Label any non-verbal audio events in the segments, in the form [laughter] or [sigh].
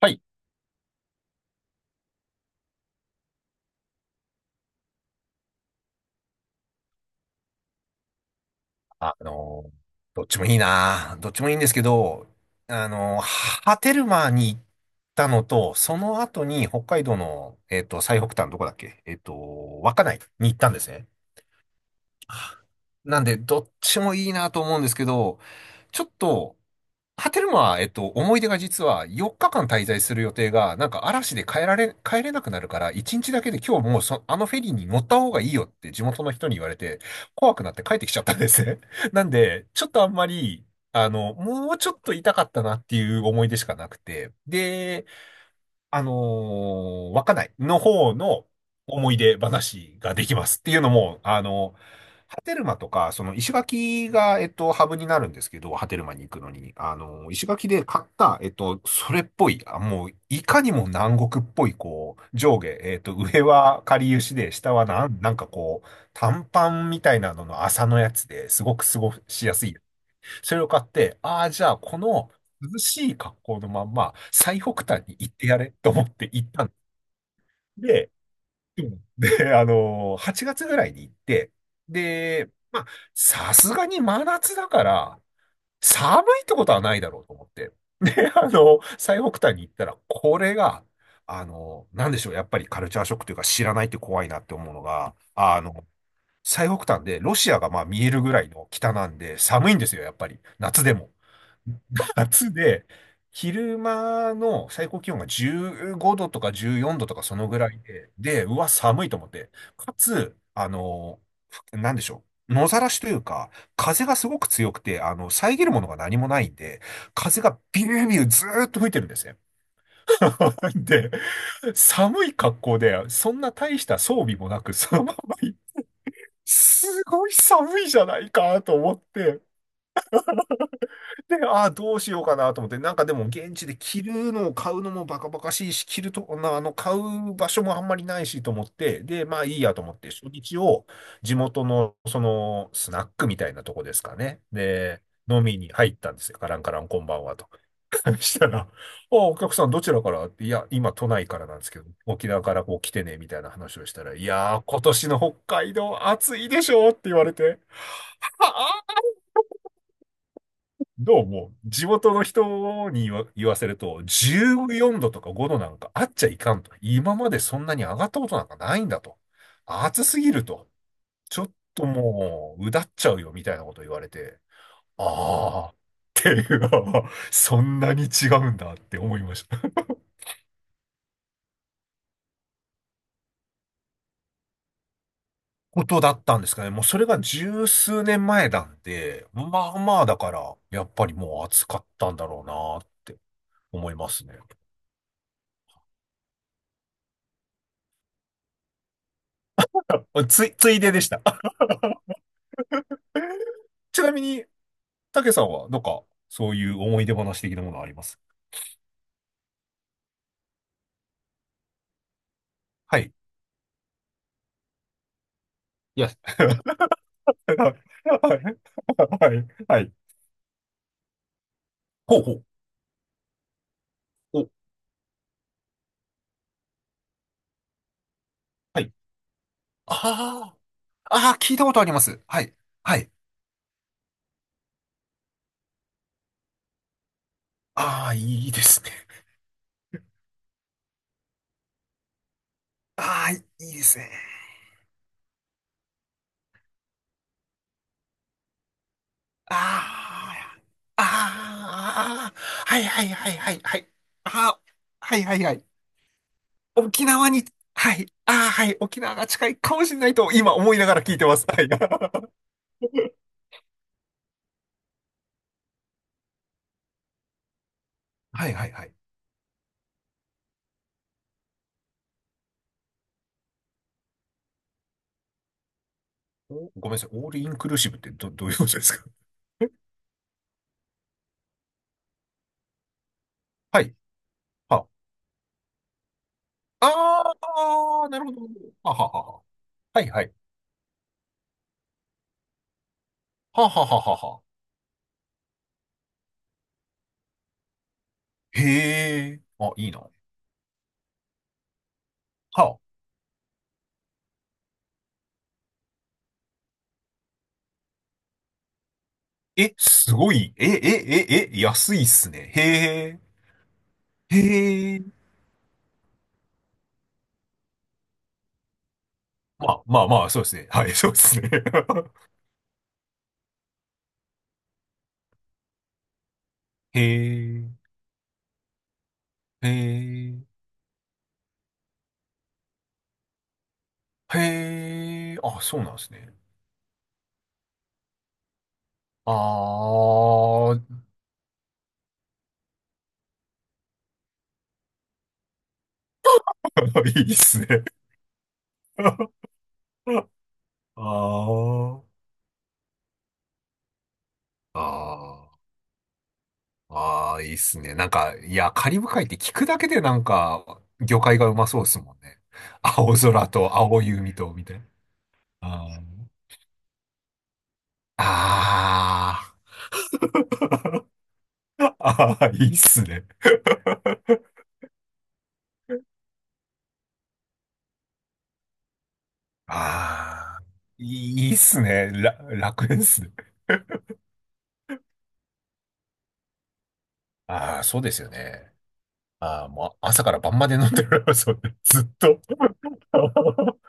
はい。あのーどっちもいいな。どっちもいいんですけど、あのー波照間に行ったのと、その後に北海道の、最北端どこだっけ稚内に行ったんですね。なんで、どっちもいいなと思うんですけど、ちょっと、ハテルマは、思い出が実は4日間滞在する予定が、なんか嵐で帰れなくなるから、1日だけで今日もうそ、あのフェリーに乗った方がいいよって地元の人に言われて、怖くなって帰ってきちゃったんですね。[laughs] なんで、ちょっとあんまり、あの、もうちょっと痛かったなっていう思い出しかなくて。で、あの稚内の方の思い出話ができます。っていうのも、あの、波照間とか、その石垣が、ハブになるんですけど、波照間に行くのに、あの、石垣で買った、それっぽい、あもう、いかにも南国っぽい、こう、上下、上はかりゆしで、下はなんかこう、短パンみたいなのの麻のやつですごく過ごしやすいそれを買って、ああ、じゃあ、この涼しい格好のまんま、最北端に行ってやれと思って行ったんで、8月ぐらいに行って、で、まあ、さすがに真夏だから、寒いってことはないだろうと思って。で、あの、最北端に行ったら、これが、あの、なんでしょう、やっぱりカルチャーショックというか知らないって怖いなって思うのが、あの、最北端でロシアがまあ見えるぐらいの北なんで寒いんですよ、やっぱり。夏でも。[laughs] 夏で、昼間の最高気温が15度とか14度とかそのぐらいで、で、うわ、寒いと思って。かつ、あの、なんでしょう。野ざらしというか、風がすごく強くて、あの、遮るものが何もないんで、風がビュービューずーっと吹いてるんですね。[laughs] で、寒い格好で、そんな大した装備もなく、そのまま、すごい寒いじゃないかと思って、で、ああ、どうしようかなと思って、なんかでも現地で着るのを買うのもバカバカしいし、着ると、な買う場所もあんまりないしと思って、で、まあいいやと思って、初日を地元のそのスナックみたいなとこですかね。で、飲みに入ったんですよ。カランカランこんばんはと。[laughs] したら、あ、お客さんどちらからっていや、今都内からなんですけど、沖縄からこう来てね、みたいな話をしたら、いやー、今年の北海道暑いでしょって言われて。どうも、地元の人に言わせると、14度とか5度なんかあっちゃいかんと。今までそんなに上がったことなんかないんだと。暑すぎると。ちょっともう、うだっちゃうよみたいなこと言われて、ああ、っていう、[laughs] そんなに違うんだって思いました。ことだったんですかね。もうそれが十数年前なんで、ままあだから、やっぱりもう暑かったんだろうなって思いますね。ついででした。[laughs] ちなみに、たけさんは、なんか、そういう思い出話的なものありますはい。いや、[laughs] はい。はい。はい。ほうほう。お、はい。ああ、ああ、聞いたことあります。はい。はい。ああ、いいですね。ああ、いいですね。ああ、ああ、はいはいはいはいはい。ああ、はいはいはい。沖縄に、はい。ああ、はい。沖縄が近いかもしれないと、今思いながら聞いてます。はい。[laughs] はいはいはい。おごめんなさい。オールインクルーシブってどういうことですか？ [laughs] はい。はあ。あー、なるほど。はははは。はいはい。ははははは。へえ。あ、いいな。はあ。え、すごい。え、え、え、え、安いっすね。へえ。へえ。まあ、まあまあ、そうですね。はい、そうですね。[laughs] へえ。へえ。へえ。あ、そうなんですね。あー。[laughs] いいっすね。[laughs] あー。あー。ああ、いいっすね。なんか、いや、カリブ海って聞くだけでなんか、魚介がうまそうですもんね。[laughs] 青空と青い海と、みたいな。あーあー。[laughs] ああいいっすね。[laughs] ああ、いいっすね。ら、楽ですね。ああ、そうですよね。ああ、もう朝から晩まで飲んでる。[laughs] そうね、ずっと。[laughs]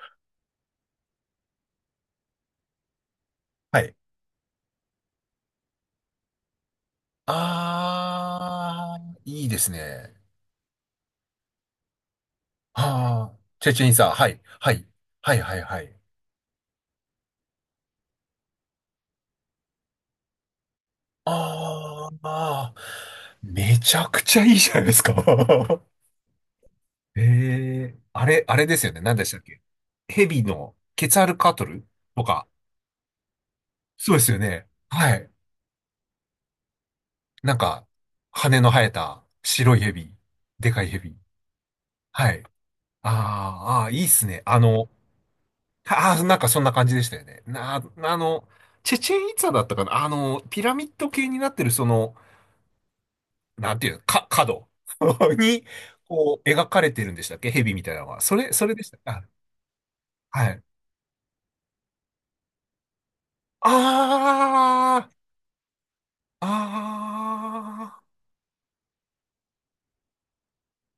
はい。ああ、いいですね。ああ、チェチェンさん、はい、はい、はい、はい、はい。あーまあー、めちゃくちゃいいじゃないですか。[laughs] ええ、あれ、あれですよね。何でしたっけ？ヘビのケツァルカトルとか。そうですよね。はい。なんか、羽の生えた白いヘビ。でかいヘビ。はい。あーあー、いいっすね。あの、ああ、なんかそんな感じでしたよね。な、あの、チェチェンイツァだったかなあの、ピラミッド系になってるその、なんていうの、か、角 [laughs] に、こう、描かれてるんでしたっけ蛇みたいなのは。それでした。あ、はい。あー、あー、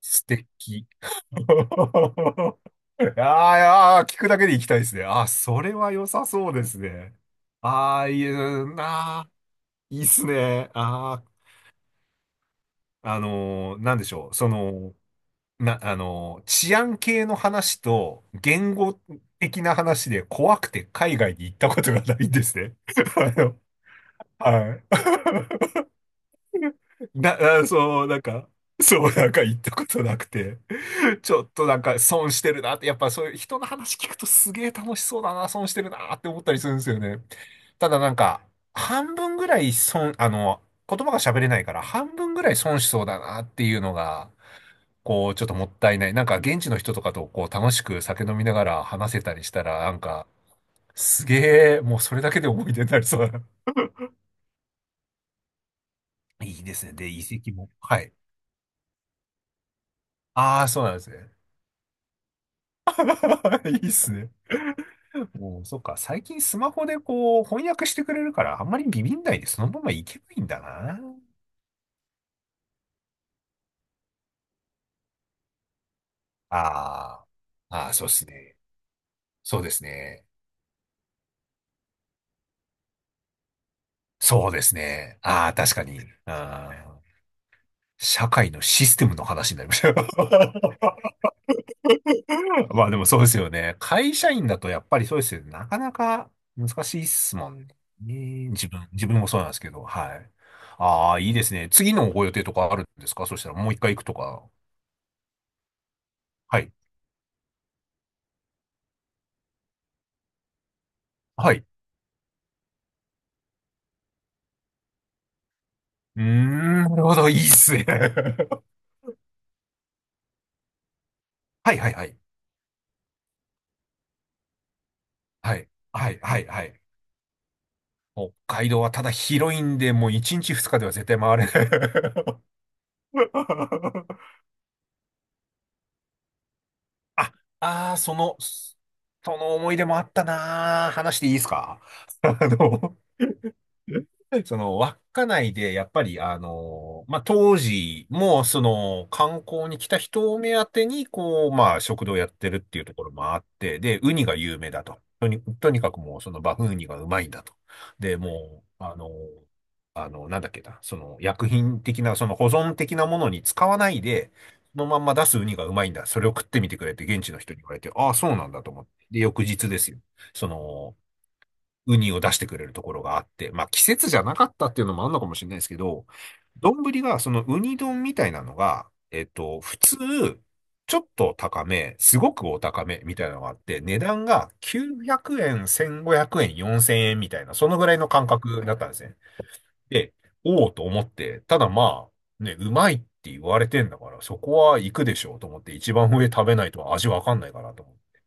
素敵。[laughs] あーあー、聞くだけで行きたいですね。あー、それは良さそうですね。ああ、いいな、あーいいっすね。ああ、なんでしょう。その、な、あの、治安系の話と言語的な話で怖くて海外に行ったことがないんですね。[laughs] あの、はい。[laughs] な、あそう、なんか、そう、なんか行ったことなくて、ちょっとなんか損してるなって、やっぱそういう人の話聞くとすげえ楽しそうだな、損してるなって思ったりするんですよね。ただなんか、半分ぐらい損、あの、言葉が喋れないから半分ぐらい損しそうだなっていうのが、こう、ちょっともったいない。なんか、現地の人とかと、こう、楽しく酒飲みながら話せたりしたら、なんか、すげえ、もうそれだけで思い出になりそうだな。[laughs] いいですね。で、遺跡も。はい。ああ、そうなんですね。[laughs] いいっすね。もう、そっか。最近スマホでこう、翻訳してくれるから、あんまりビビんないで、そのままいけばいいんだな。ああ、ああ、そうですね。そうですね。そうですね。ああ、確かに。ああ、社会のシステムの話になりました。[laughs] [laughs] まあでもそうですよね。会社員だとやっぱりそうですよね。なかなか難しいっすもんね。自分もそうなんですけど、はい。ああ、いいですね。次のご予定とかあるんですかそしたらもう一回行くとか。はい。はい。うーん、なるほど。いいっすね。[laughs] はいはいはい。はい。はい、はい、はい。北海道はただ広いんで、もう1日2日では絶対回れない。[laughs] あ、ああ、その、その思い出もあったなー。話していいですか？ [laughs] あの、[laughs] その、稚内で、やっぱり、あの、まあ、当時も、その、観光に来た人を目当てに、こう、まあ、食堂やってるっていうところもあって、で、ウニが有名だと。とにかくもう、その、バフンウニがうまいんだと。で、もう、あの、あの、なんだっけな、その、薬品的な、その、保存的なものに使わないで、そのまんま出すウニがうまいんだ。それを食ってみてくれって、現地の人に言われて、ああ、そうなんだと思って。で、翌日ですよ。その、ウニを出してくれるところがあって、まあ季節じゃなかったっていうのもあるのかもしれないですけど、丼がそのウニ丼みたいなのが、普通、ちょっと高め、すごくお高めみたいなのがあって、値段が900円、1500円、4000円みたいな、そのぐらいの感覚だったんですね。で、おおと思って、ただまあ、ね、うまいって言われてんだから、そこは行くでしょうと思って、一番上食べないと味わかんないかなと思って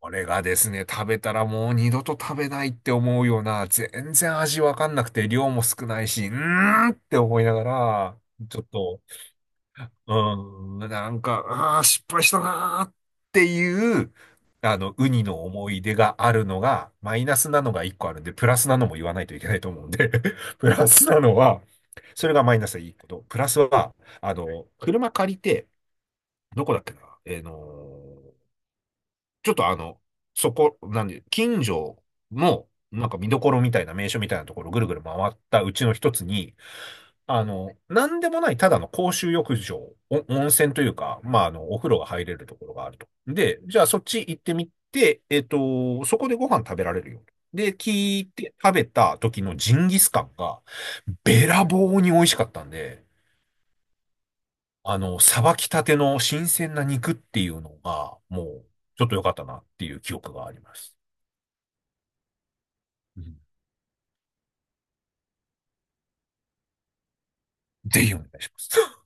これがですね、食べたらもう二度と食べないって思うような、全然味わかんなくて、量も少ないし、うーんって思いながら、ちょっと、うーん、なんか、ああ、失敗したなーっていう、あの、ウニの思い出があるのが、マイナスなのが一個あるんで、プラスなのも言わないといけないと思うんで、[laughs] プラスなのは、それがマイナスでいいこと。プラスは、あの、車借りて、どこだっけな、えーのちょっとあの、そこ、なんで、近所の、なんか見どころみたいな名所みたいなところをぐるぐる回ったうちの一つに、あの、なんでもないただの公衆浴場、お温泉というか、まあ、あの、お風呂が入れるところがあると。で、じゃあそっち行ってみて、そこでご飯食べられるよ。で、聞いて食べた時のジンギスカンが、べらぼうに美味しかったんで、あの、さばきたての新鮮な肉っていうのが、もう、ちょっと良かったなっていう記憶があります。うんぜひお願いします。